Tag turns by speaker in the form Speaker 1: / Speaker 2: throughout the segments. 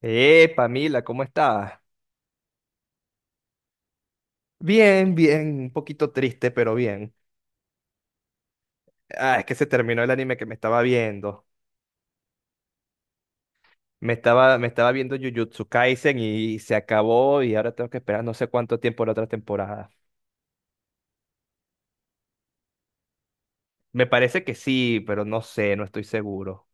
Speaker 1: Pamila, ¿cómo estás? Bien, bien, un poquito triste, pero bien. Ah, es que se terminó el anime que me estaba viendo. Me estaba viendo Jujutsu Kaisen y se acabó y ahora tengo que esperar no sé cuánto tiempo la otra temporada. Me parece que sí, pero no sé, no estoy seguro.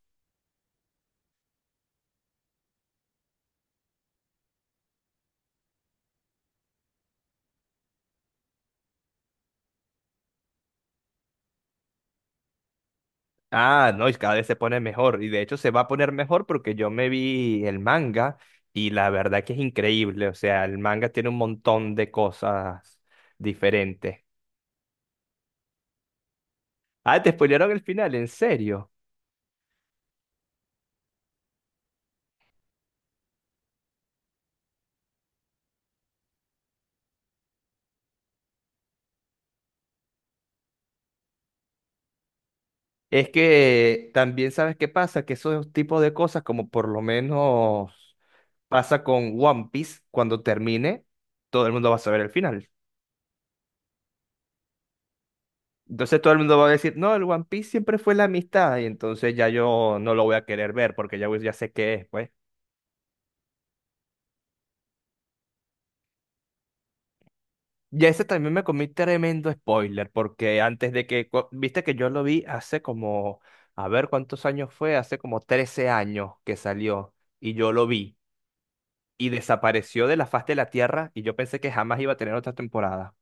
Speaker 1: Ah, no, y cada vez se pone mejor. Y de hecho se va a poner mejor porque yo me vi el manga y la verdad que es increíble. O sea, el manga tiene un montón de cosas diferentes. Ah, te spoilearon el final, ¿en serio? Es que también sabes qué pasa, que esos tipos de cosas, como por lo menos pasa con One Piece, cuando termine, todo el mundo va a saber el final. Entonces todo el mundo va a decir, no, el One Piece siempre fue la amistad, y entonces ya yo no lo voy a querer ver, porque ya, ya sé qué es, pues. Y ese también me comí tremendo spoiler, porque antes de que, viste que yo lo vi hace como, a ver cuántos años fue, hace como 13 años que salió, y yo lo vi y desapareció de la faz de la Tierra y yo pensé que jamás iba a tener otra temporada.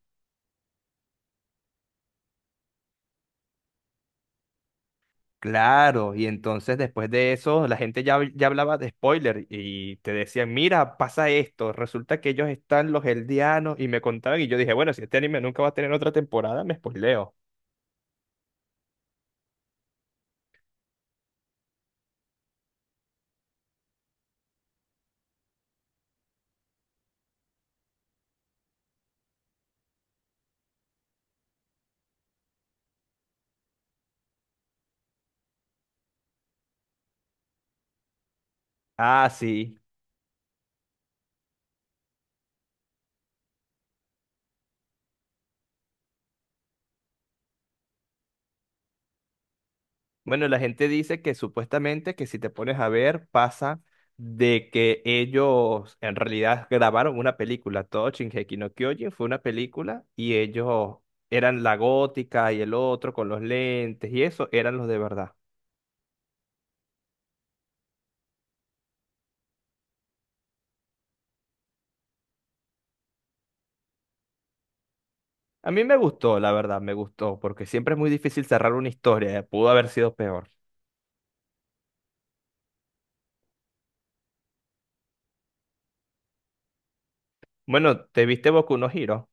Speaker 1: Claro, y entonces después de eso la gente ya hablaba de spoiler y te decían, mira, pasa esto, resulta que ellos están los Eldianos y me contaban y yo dije, bueno, si este anime nunca va a tener otra temporada, me spoileo. Ah, sí. Bueno, la gente dice que supuestamente que si te pones a ver pasa de que ellos en realidad grabaron una película. Todo Shingeki no Kyojin fue una película y ellos eran la gótica y el otro con los lentes y eso eran los de verdad. A mí me gustó, la verdad, me gustó, porque siempre es muy difícil cerrar una historia. Pudo haber sido peor. Bueno, te viste Boku no Hero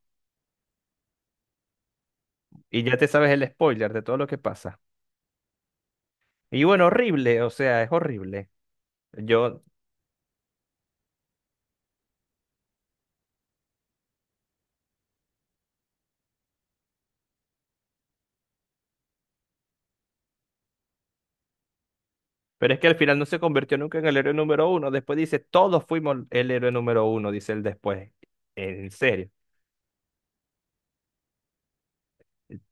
Speaker 1: y ya te sabes el spoiler de todo lo que pasa. Y bueno, horrible, o sea, es horrible. Yo pero es que al final no se convirtió nunca en el héroe número uno. Después dice, todos fuimos el héroe número uno, dice él después. En serio,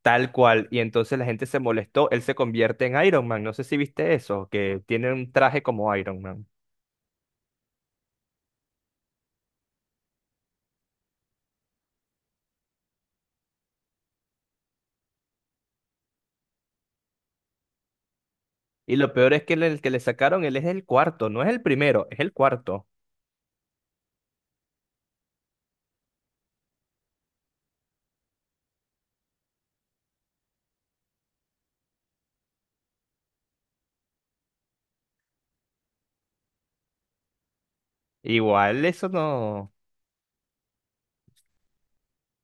Speaker 1: tal cual. Y entonces la gente se molestó. Él se convierte en Iron Man. No sé si viste eso, que tiene un traje como Iron Man. Y lo peor es que el que le sacaron, él es el cuarto, no es el primero, es el cuarto. Igual eso no.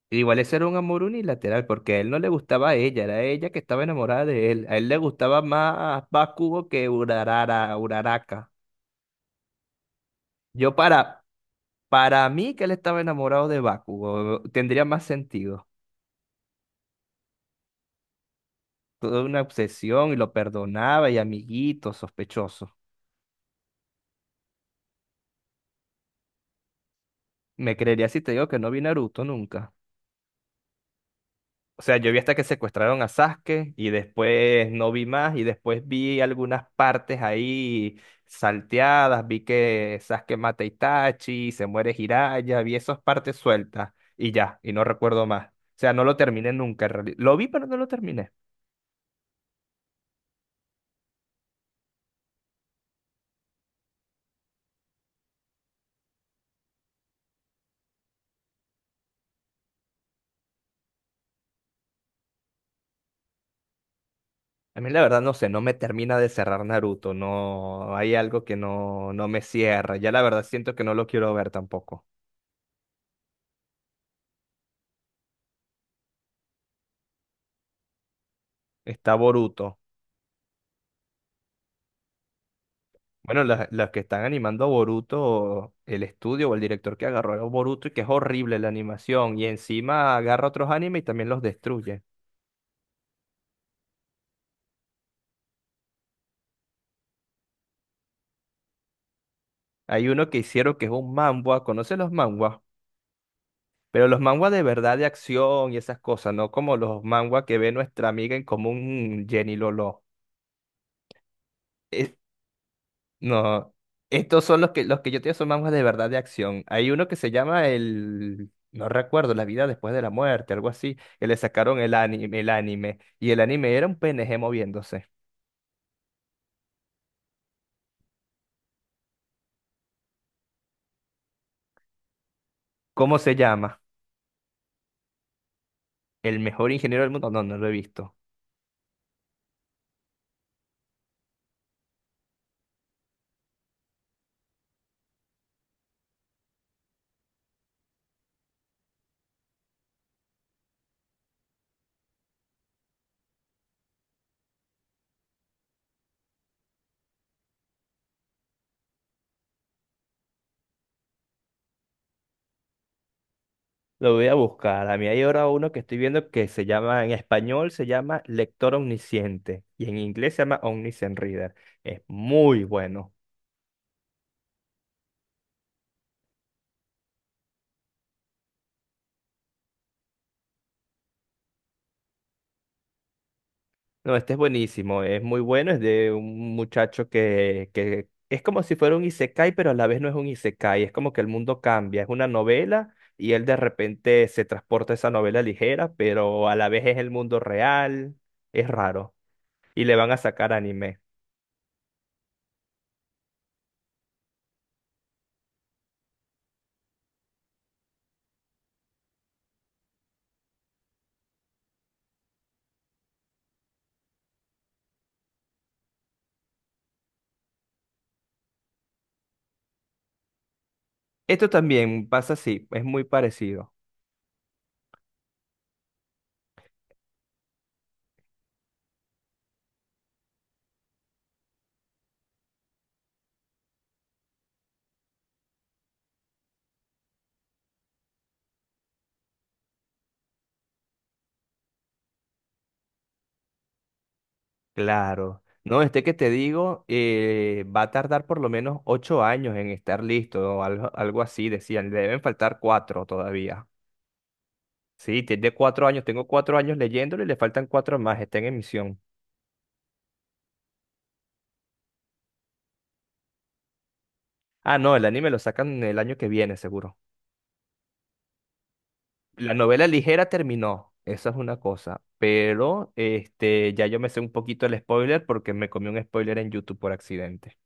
Speaker 1: Igual eso era un amor unilateral, porque a él no le gustaba a ella, era ella que estaba enamorada de él. A él le gustaba más Bakugo que Urarara, Uraraka. Yo para, Para mí que él estaba enamorado de Bakugo, tendría más sentido. Toda una obsesión y lo perdonaba y amiguito, sospechoso. Me creería si te digo que no vi Naruto nunca. O sea, yo vi hasta que secuestraron a Sasuke y después no vi más y después vi algunas partes ahí salteadas, vi que Sasuke mata a Itachi, se muere Jiraiya, vi esas partes sueltas y ya, y no recuerdo más. O sea, no lo terminé nunca en realidad. Lo vi, pero no lo terminé. A mí la verdad no sé, no me termina de cerrar Naruto, no hay algo que no, no me cierra. Ya la verdad siento que no lo quiero ver tampoco. Está Boruto. Bueno, las que están animando a Boruto, el estudio o el director que agarró a Boruto y que es horrible la animación y encima agarra otros animes y también los destruye. Hay uno que hicieron que es un manhwa, ¿conoce los manhwas? Pero los manhwa de verdad de acción y esas cosas, no como los manhwa que ve nuestra amiga en común Jenny Lolo. No, estos son los que yo te digo son mangas de verdad de acción. Hay uno que se llama el, no recuerdo, La vida después de la muerte, algo así, que le sacaron el anime, y el anime era un PNG moviéndose. ¿Cómo se llama? El mejor ingeniero del mundo. No, no lo he visto. Lo voy a buscar. A mí hay ahora uno que estoy viendo que se llama, en español se llama Lector Omnisciente, y en inglés se llama Omniscient Reader. Es muy bueno. No, este es buenísimo, es muy bueno, es de un muchacho que es como si fuera un isekai, pero a la vez no es un isekai, es como que el mundo cambia, es una novela y él de repente se transporta a esa novela ligera, pero a la vez es el mundo real, es raro, y le van a sacar anime. Esto también pasa así, es muy parecido. Claro. No, este que te digo va a tardar por lo menos 8 años en estar listo, o algo, algo así decían. Le deben faltar 4 todavía. Sí, tiene 4 años. Tengo 4 años leyéndolo y le faltan 4 más. Está en emisión. Ah, no, el anime lo sacan el año que viene, seguro. La novela ligera terminó. Esa es una cosa. Pero este, ya yo me sé un poquito el spoiler porque me comí un spoiler en YouTube por accidente.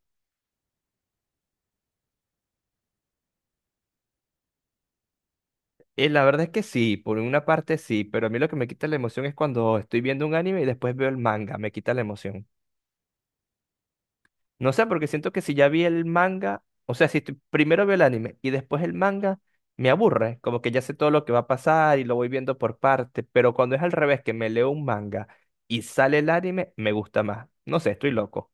Speaker 1: Y la verdad es que sí, por una parte sí, pero a mí lo que me quita la emoción es cuando estoy viendo un anime y después veo el manga, me quita la emoción. No sé, porque siento que si ya vi el manga, o sea, si estoy- primero veo el anime y después el manga, me aburre, como que ya sé todo lo que va a pasar y lo voy viendo por parte, pero cuando es al revés, que me leo un manga y sale el anime, me gusta más. No sé, estoy loco.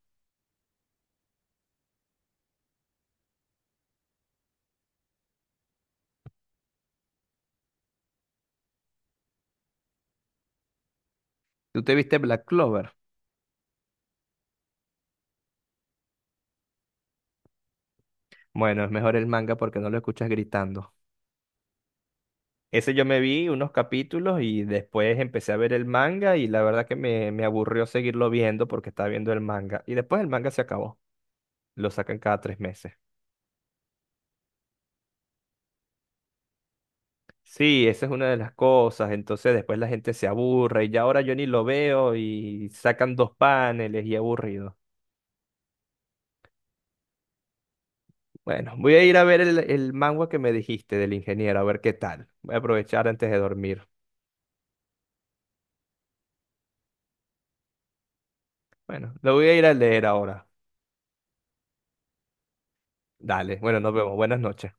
Speaker 1: ¿Tú te viste Black Clover? Bueno, es mejor el manga porque no lo escuchas gritando. Ese yo me vi unos capítulos y después empecé a ver el manga y la verdad que me aburrió seguirlo viendo porque estaba viendo el manga. Y después el manga se acabó. Lo sacan cada 3 meses. Sí, esa es una de las cosas. Entonces después la gente se aburre y ya ahora yo ni lo veo y sacan 2 paneles y aburrido. Bueno, voy a ir a ver el manga que me dijiste del ingeniero, a ver qué tal. Voy a aprovechar antes de dormir. Bueno, lo voy a ir a leer ahora. Dale, bueno, nos vemos. Buenas noches.